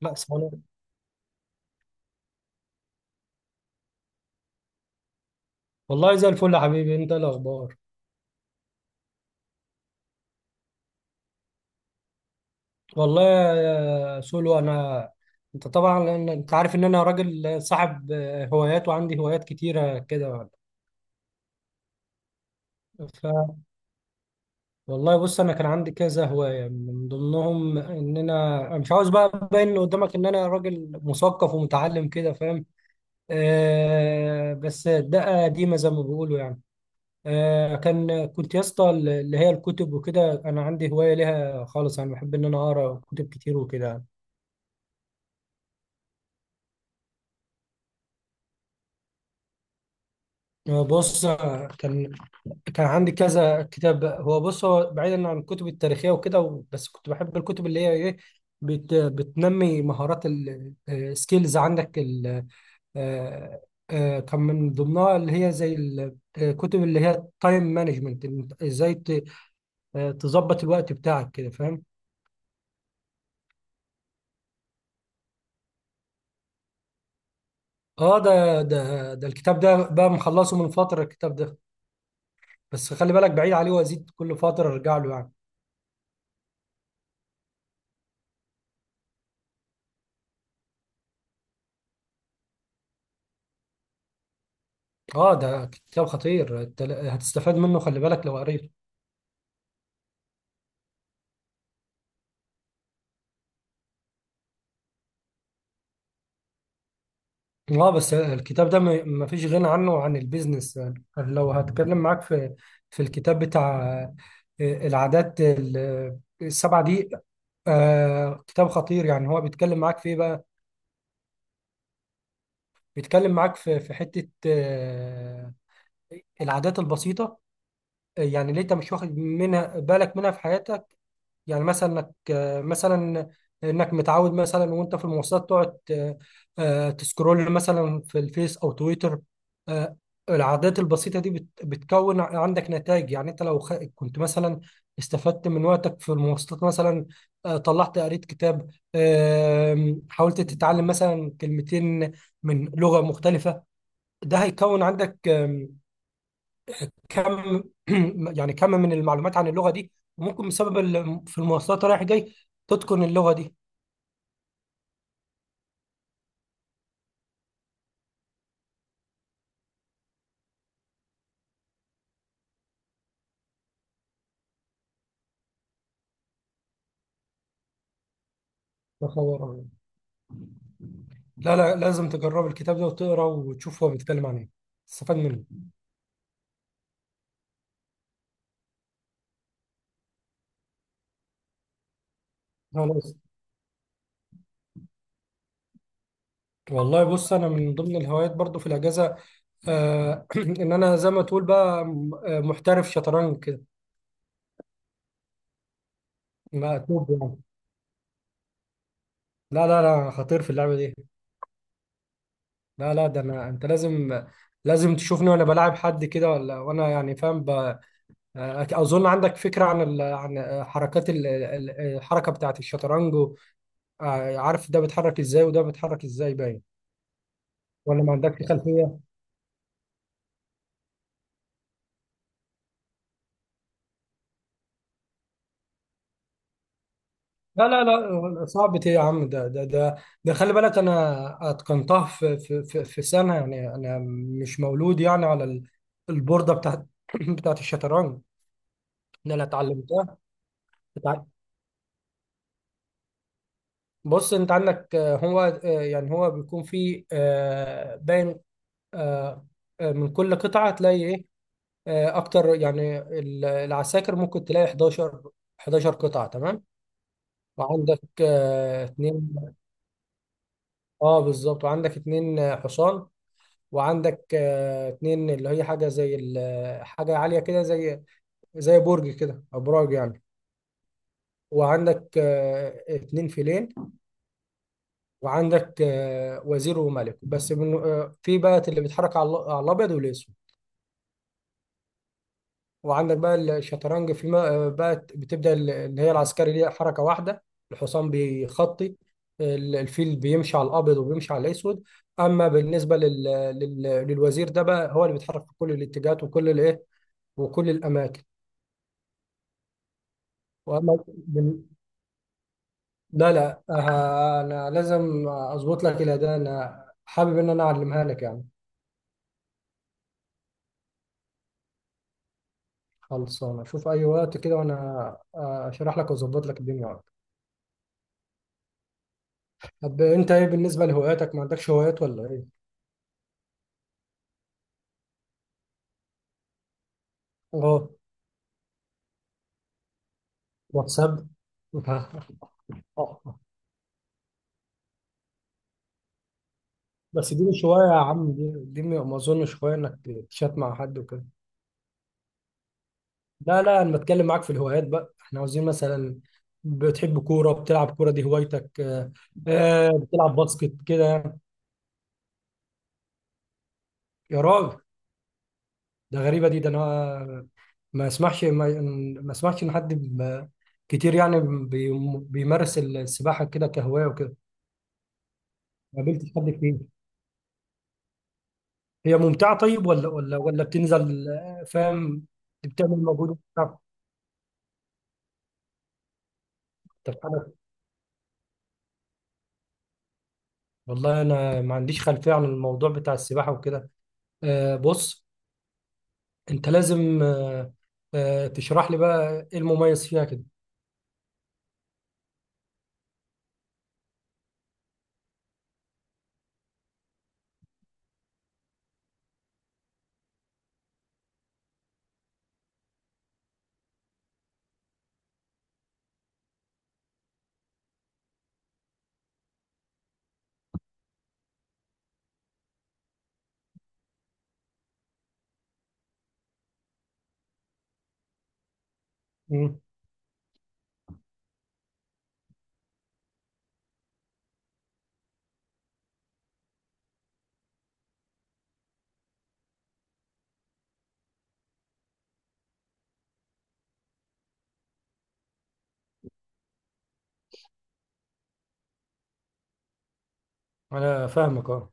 لا، سلام. والله زي الفل يا حبيبي، انت إيه الاخبار؟ والله يا سولو، انا، انت طبعا، لأن انت عارف ان انا راجل صاحب هوايات، وعندي هوايات كتيره كده. ف والله بص، انا كان عندي كذا هوايه، من ضمنهم ان انا مش عاوز بقى ابين قدامك ان انا راجل مثقف ومتعلم، كده فاهم. آه، بس ده قديمه زي ما بيقولوا يعني. آه، كنت يا اسطى، اللي هي الكتب وكده، انا عندي هوايه ليها خالص، انا بحب ان انا اقرا كتب كتير وكده. هو بص، كان كان عندي كذا كتاب. هو بص، هو بعيدا عن الكتب التاريخية وكده، بس كنت بحب الكتب اللي هي ايه، بتنمي مهارات، السكيلز عندك. ال آه، كان من ضمنها اللي هي زي الكتب اللي هي تايم مانجمنت. ازاي ت- آه، تظبط الوقت بتاعك كده فاهم. اه، ده الكتاب ده بقى مخلصه من فترة، الكتاب ده، بس خلي بالك، بعيد عليه وازيد كل فترة ارجع له يعني. اه، ده كتاب خطير أنت، هتستفاد منه، خلي بالك لو قريته. اه، بس الكتاب ده ما فيش غنى عنه عن البيزنس يعني. لو هتكلم معاك في، في الكتاب بتاع، آه، العادات السبعة دي، آه، كتاب خطير يعني. هو بيتكلم معاك في ايه بقى؟ بيتكلم معاك في، حتة آه، العادات البسيطة، آه، يعني اللي انت مش واخد منها بالك، منها في حياتك. يعني مثلا انك، مثلا انك متعود مثلا وانت في المواصلات تقعد آه، آه، تسكرول مثلا في الفيس او تويتر، آه، العادات البسيطة دي بتكون عندك نتائج. يعني انت لو كنت مثلا استفدت من وقتك في المواصلات مثلا، آه، طلعت قريت كتاب، حاولت تتعلم مثلا كلمتين من لغة مختلفة، ده هيكون عندك كم، يعني كم من المعلومات عن اللغه دي، وممكن بسبب في المواصلات رايح جاي تتقن اللغه دي. يا خبر أبيض. لا، لا، لازم تجرب الكتاب ده وتقرا وتشوف هو بيتكلم عن ايه، تستفاد منه. خلاص. والله بص، انا من ضمن الهوايات برضو في الاجازه، آه، ان انا زي ما تقول بقى، آه، محترف شطرنج كده، مقلوب يعني. لا، لا، لا، خطير في اللعبه دي. لا، لا، ده انا، انت لازم، لازم تشوفني وانا بلاعب حد كده، ولا وانا يعني فاهم، أظن عندك فكرة عن آه، حركات الحركة بتاعة الشطرنج و، آه، عارف ده بيتحرك إزاي وده بيتحرك إزاي، باين، ولا ما عندكش خلفية؟ لا، لا، لا، صعب إيه يا عم؟ ده ده خلي بالك، أنا أتقنتها في، في سنة يعني. أنا مش مولود يعني على البوردة بتاعة الشطرنج، إن أنا اتعلمتها. اتع- بص، أنت عندك آه، هو آه، يعني هو بيكون فيه آه، باين، آه، آه، من كل قطعة هتلاقي إيه، آه، اكتر يعني، العساكر ممكن تلاقي 11 11 قطعة تمام. وعندك آه، اتنين، اه بالظبط، وعندك اتنين آه، حصان. وعندك آه، اتنين اللي هي حاجة زي حاجة عالية كده، زي برج كده، ابراج يعني. وعندك آه، اتنين فيلين. وعندك آه، وزير وملك، بس من آه، في بقى اللي بيتحرك على على الابيض والاسود. وعندك بقى الشطرنج في ما بقى بتبدأ، اللي هي العسكري ليها حركة واحدة، الحصان بيخطي، الفيل بيمشي على الأبيض وبيمشي على الأسود. أما بالنسبة لل... للوزير ده بقى، هو اللي بيتحرك في كل الاتجاهات وكل الإيه، وكل الأماكن. وأما بال- لا، لا، آه، أنا لازم أظبط لك إلى ده، أنا حابب إن أنا أعلمها لك يعني. خلصانة، شوف أي وقت كده وأنا آه، أشرح لك وأظبط لك الدنيا. طب أنت إيه بالنسبة لهواياتك؟ ما عندكش هوايات ولا إيه؟ أه، واتساب. اه. آه. بس دي مش هواية يا عم، دي ما اظنش هواية انك تشات مع حد وكده. لا، لا، انا بتكلم معاك في الهوايات بقى، احنا عاوزين مثلا، بتحب كورة، بتلعب كورة دي هوايتك، آه، آه، بتلعب باسكت كده يعني. يا راجل، ده غريبة دي، ده انا ما اسمعش ما, ما اسمعش ان حد، كتير يعني بيمارس السباحة كده كهواية وكده، ما قابلتش حد كتير. هي ممتعة طيب، ولا ولا بتنزل آه، فاهم، بتعمل مجهود؟ طب حلو. والله انا ما عنديش خلفيه عن الموضوع بتاع السباحه وكده. آه، بص، انت لازم آه، آه، تشرح لي بقى ايه المميز فيها كده. مم. انا فاهمك اه.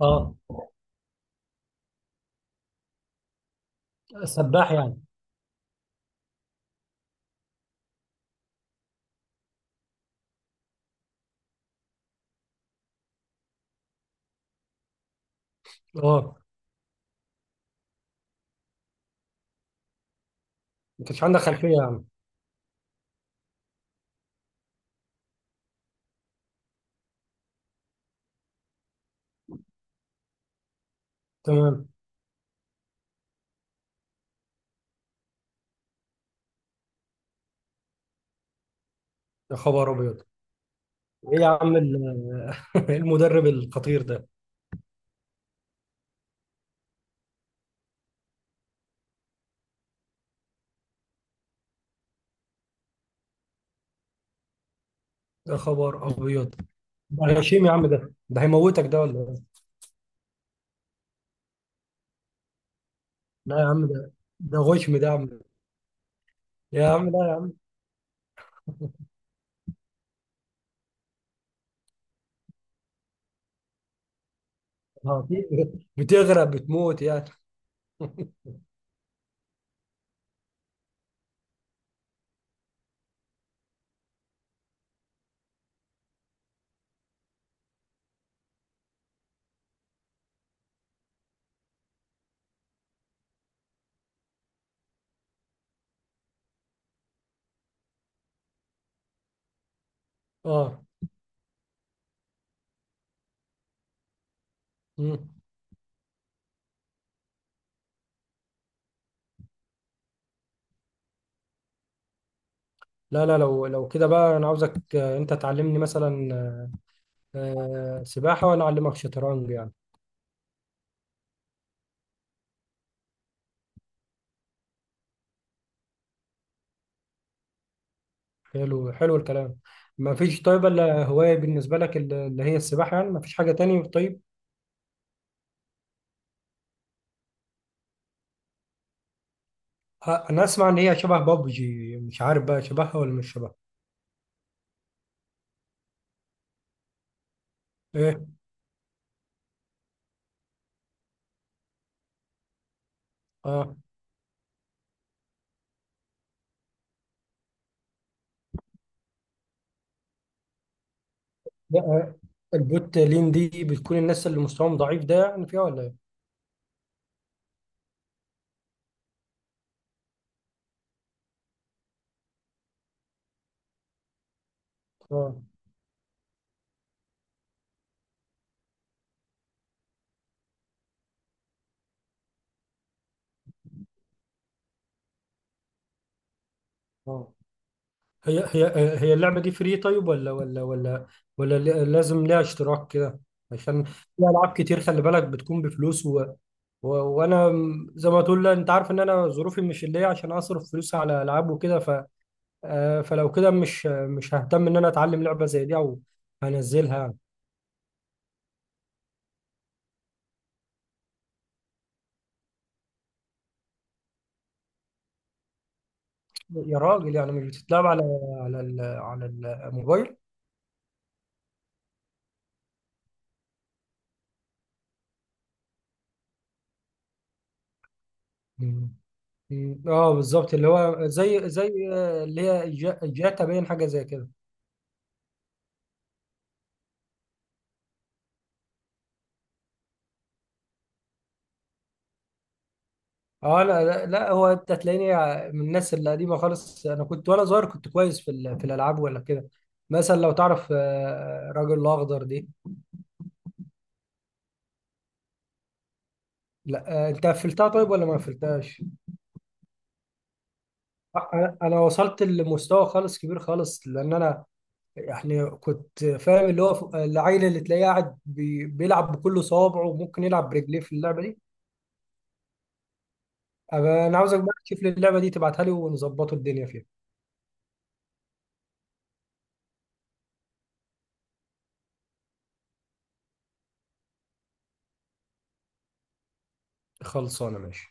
اه، سباح يعني. اه، ما كانش عندك خلفيه يعني. تمام. يا خبر ابيض. ايه يا عم المدرب الخطير ده! يا خبر ابيض، ده غشيم يا عم، ده هيموتك ده ولا إيه؟ لا يا عم، ده، ده غشم ده يا عم. يا عم لا، يا عم، بتغرق، بتموت يعني. اه. مم. لا، لا، لو كده بقى، انا عاوزك آه، انت تعلمني مثلا آه، سباحة، وانا اعلمك شطرنج يعني. حلو، حلو الكلام. ما فيش طيب الا هواية بالنسبة لك اللي هي السباحة يعني؟ ما فيش حاجة تاني طيب؟ انا اسمع ان هي شبه بابجي، مش عارف بقى شبهها ولا مش شبهها. ايه. اه. لا، آه، البوت لين دي بتكون الناس اللي مستواهم ضعيف ده يعني، فيها ولا ايه؟ اه، اه. هي هي اللعبة دي فري طيب، ولا ولا لازم ليها اشتراك كده؟ عشان في ألعاب كتير خلي بالك بتكون بفلوس، و وأنا، زي ما تقول، لا أنت عارف إن أنا ظروفي مش اللي هي عشان أصرف فلوس على ألعاب وكده. ف آه، فلو كده مش ههتم إن أنا أتعلم لعبة زي دي، أو هنزلها يعني. يا راجل، يعني مش بتتلعب على، على على الموبايل؟ مم. مم. اه بالظبط، اللي هو زي، آه، اللي هي جاتا، باين حاجة زي كده. اه، انا لا، لا، هو انت هتلاقيني من الناس القديمه خالص، انا كنت وانا صغير كنت كويس في في الالعاب ولا كده. مثلا لو تعرف آه، الراجل الاخضر دي. لا، آه، انت قفلتها طيب ولا ما قفلتهاش؟ آه، أنا وصلت لمستوى خالص كبير خالص، لان انا يعني كنت فاهم اللي هو، العيل اللي تلاقيه قاعد بيلعب بكل صوابعه، وممكن يلعب برجليه في اللعبه دي. أبقى انا عاوزك بقى تشوف لي اللعبه دي، تبعتها لي، ونظبطوا الدنيا فيها. خلصانه، ماشي.